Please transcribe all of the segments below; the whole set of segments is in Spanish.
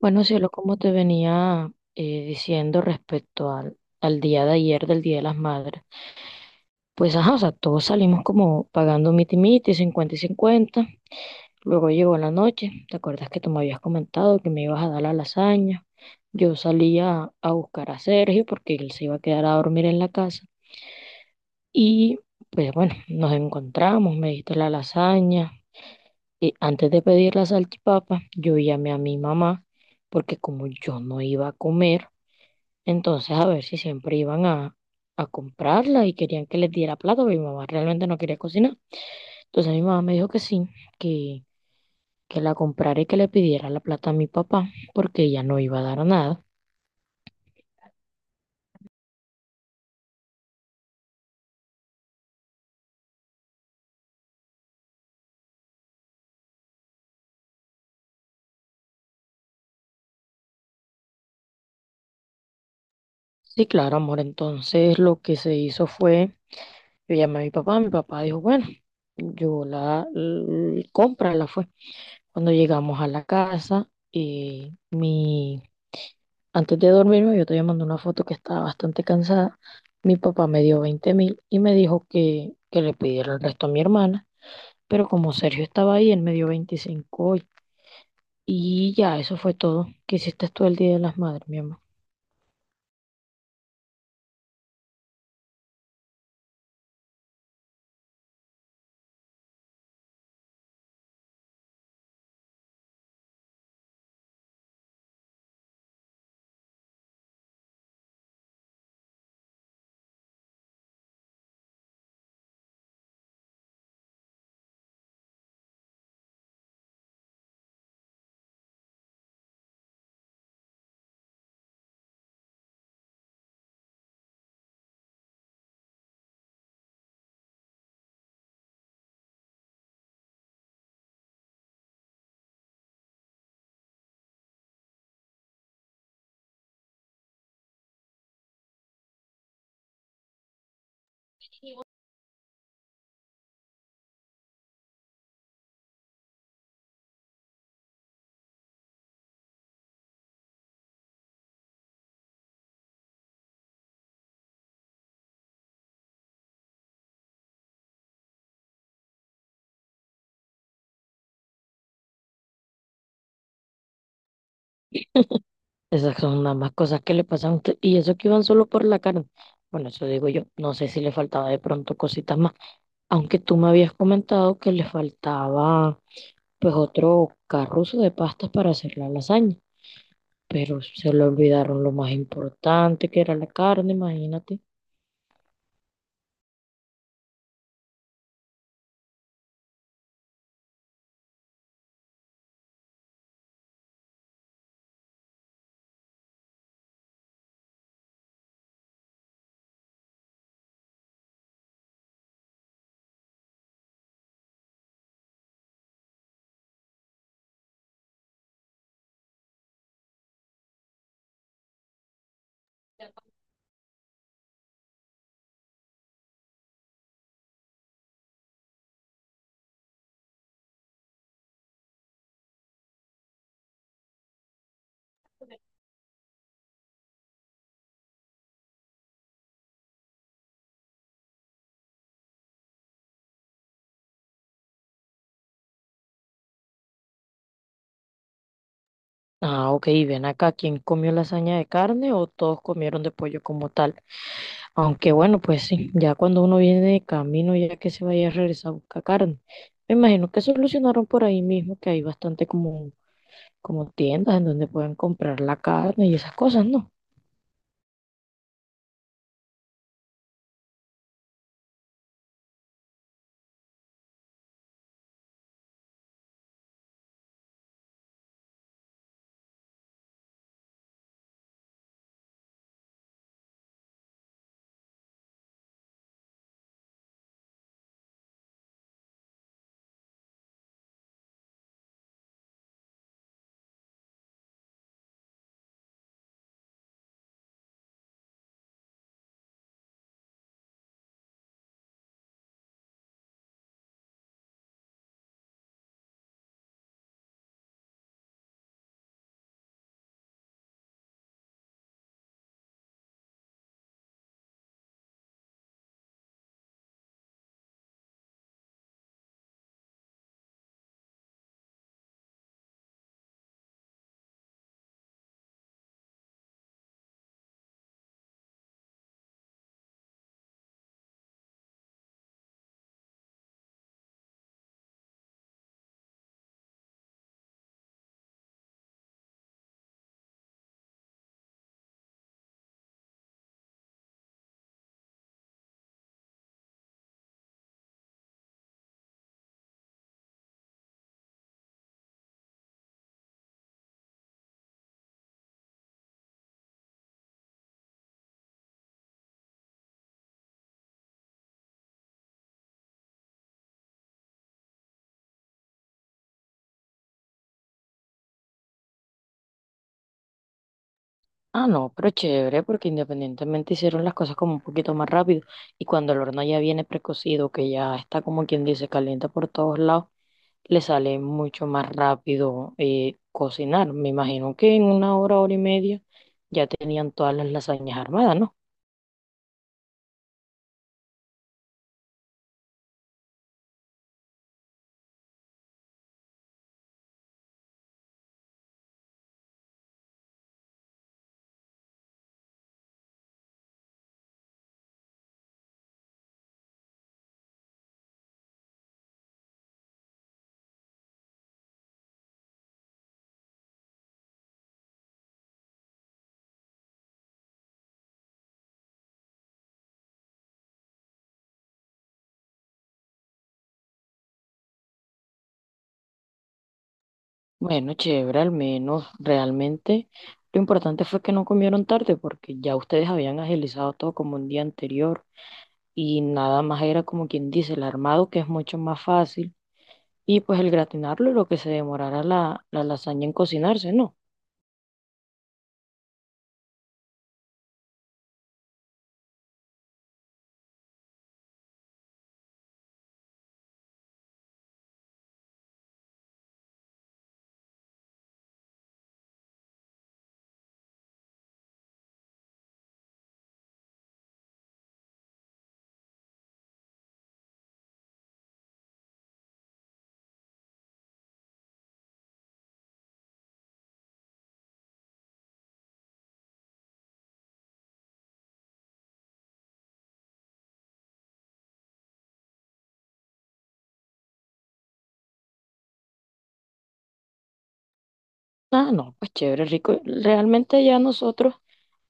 Bueno, cielo, como te venía diciendo respecto al día de ayer, del Día de las Madres, pues ajá, o sea, todos salimos como pagando miti miti, 50 y 50. Luego llegó la noche. ¿Te acuerdas que tú me habías comentado que me ibas a dar la lasaña? Yo salía a buscar a Sergio porque él se iba a quedar a dormir en la casa. Y pues bueno, nos encontramos, me diste la lasaña. Y antes de pedir la salchipapa, yo llamé a mi mamá porque como yo no iba a comer, entonces, a ver si siempre iban a comprarla y querían que les diera plata, pero mi mamá realmente no quería cocinar. Entonces mi mamá me dijo que sí, que, que la comprara y que le pidiera la plata a mi papá, porque ella no iba a dar nada. Sí, claro, amor. Entonces lo que se hizo fue, yo llamé a mi papá dijo, bueno, yo la, compra la fue. Cuando llegamos a la casa, mi, antes de dormirme, yo te mandé una foto que estaba bastante cansada. Mi papá me dio 20.000 y me dijo que le pidiera el resto a mi hermana, pero como Sergio estaba ahí, él me dio 25 hoy. Y ya, eso fue todo. ¿Qué hiciste tú el Día de las Madres, mi amor? Esas son nada más cosas que le pasan a usted. Y eso que iban solo por la carne. Bueno, eso digo yo. No sé si le faltaba de pronto cositas más. Aunque tú me habías comentado que le faltaba pues otro carruzo de pastas para hacer la lasaña. Pero se le olvidaron lo más importante que era la carne, imagínate. Ah, ok, y ven acá, ¿quién comió lasaña de carne o todos comieron de pollo como tal? Aunque bueno, pues sí, ya cuando uno viene de camino, ya que se vaya a regresar a buscar carne, me imagino que solucionaron por ahí mismo que hay bastante como, como tiendas en donde pueden comprar la carne y esas cosas, ¿no? Ah, no, pero chévere, porque independientemente hicieron las cosas como un poquito más rápido, y cuando el horno ya viene precocido, que ya está como quien dice, caliente por todos lados, le sale mucho más rápido cocinar. Me imagino que en una hora, hora y media ya tenían todas las lasañas armadas, ¿no? Bueno, chévere, al menos realmente lo importante fue que no comieron tarde porque ya ustedes habían agilizado todo como un día anterior y nada más era como quien dice el armado, que es mucho más fácil, y pues el gratinarlo y lo que se demorara la, la lasaña en cocinarse, ¿no? Ah, no, pues chévere, rico. Realmente ya nosotros,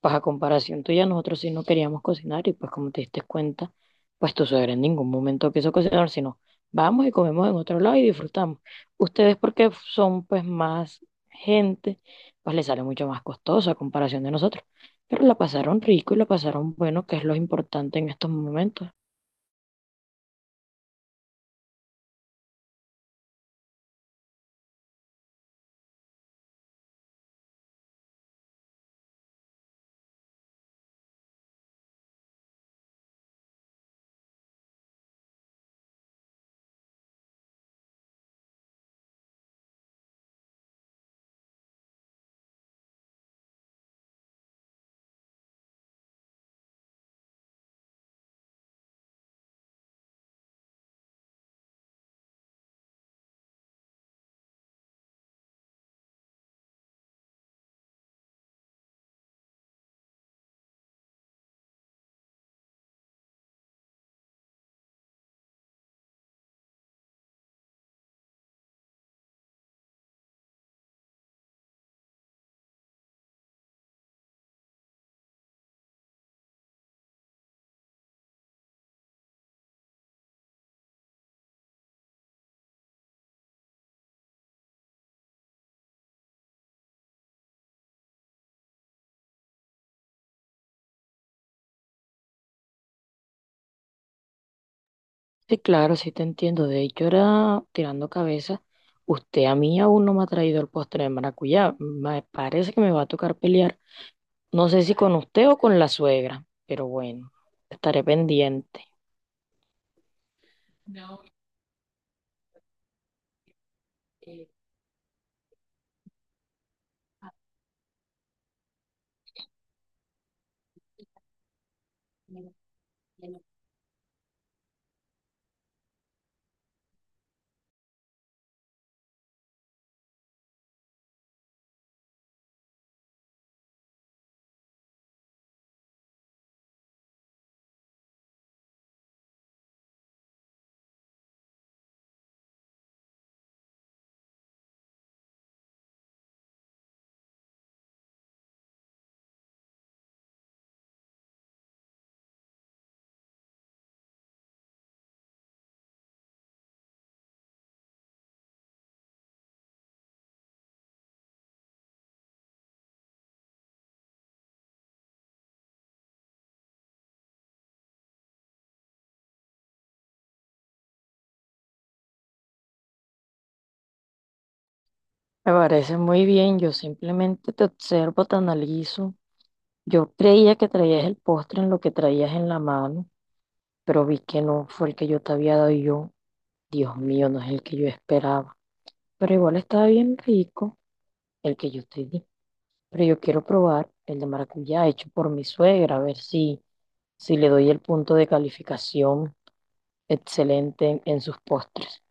pues a comparación tuya, nosotros sí no queríamos cocinar y pues como te diste cuenta, pues tu suegra en ningún momento quiso cocinar, sino vamos y comemos en otro lado y disfrutamos. Ustedes porque son pues más gente, pues les sale mucho más costoso a comparación de nosotros. Pero la pasaron rico y la pasaron bueno, que es lo importante en estos momentos. Sí, claro, sí te entiendo. De hecho, era tirando cabeza. Usted a mí aún no me ha traído el postre de maracuyá. Me parece que me va a tocar pelear. No sé si con usted o con la suegra, pero bueno, estaré pendiente. Me parece muy bien, yo simplemente te observo, te analizo. Yo creía que traías el postre en lo que traías en la mano, pero vi que no fue el que yo te había dado y yo. Dios mío, no es el que yo esperaba. Pero igual estaba bien rico el que yo te di. Pero yo quiero probar el de maracuyá hecho por mi suegra, a ver si, si le doy el punto de calificación excelente en sus postres.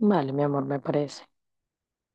Vale, mi amor, me parece.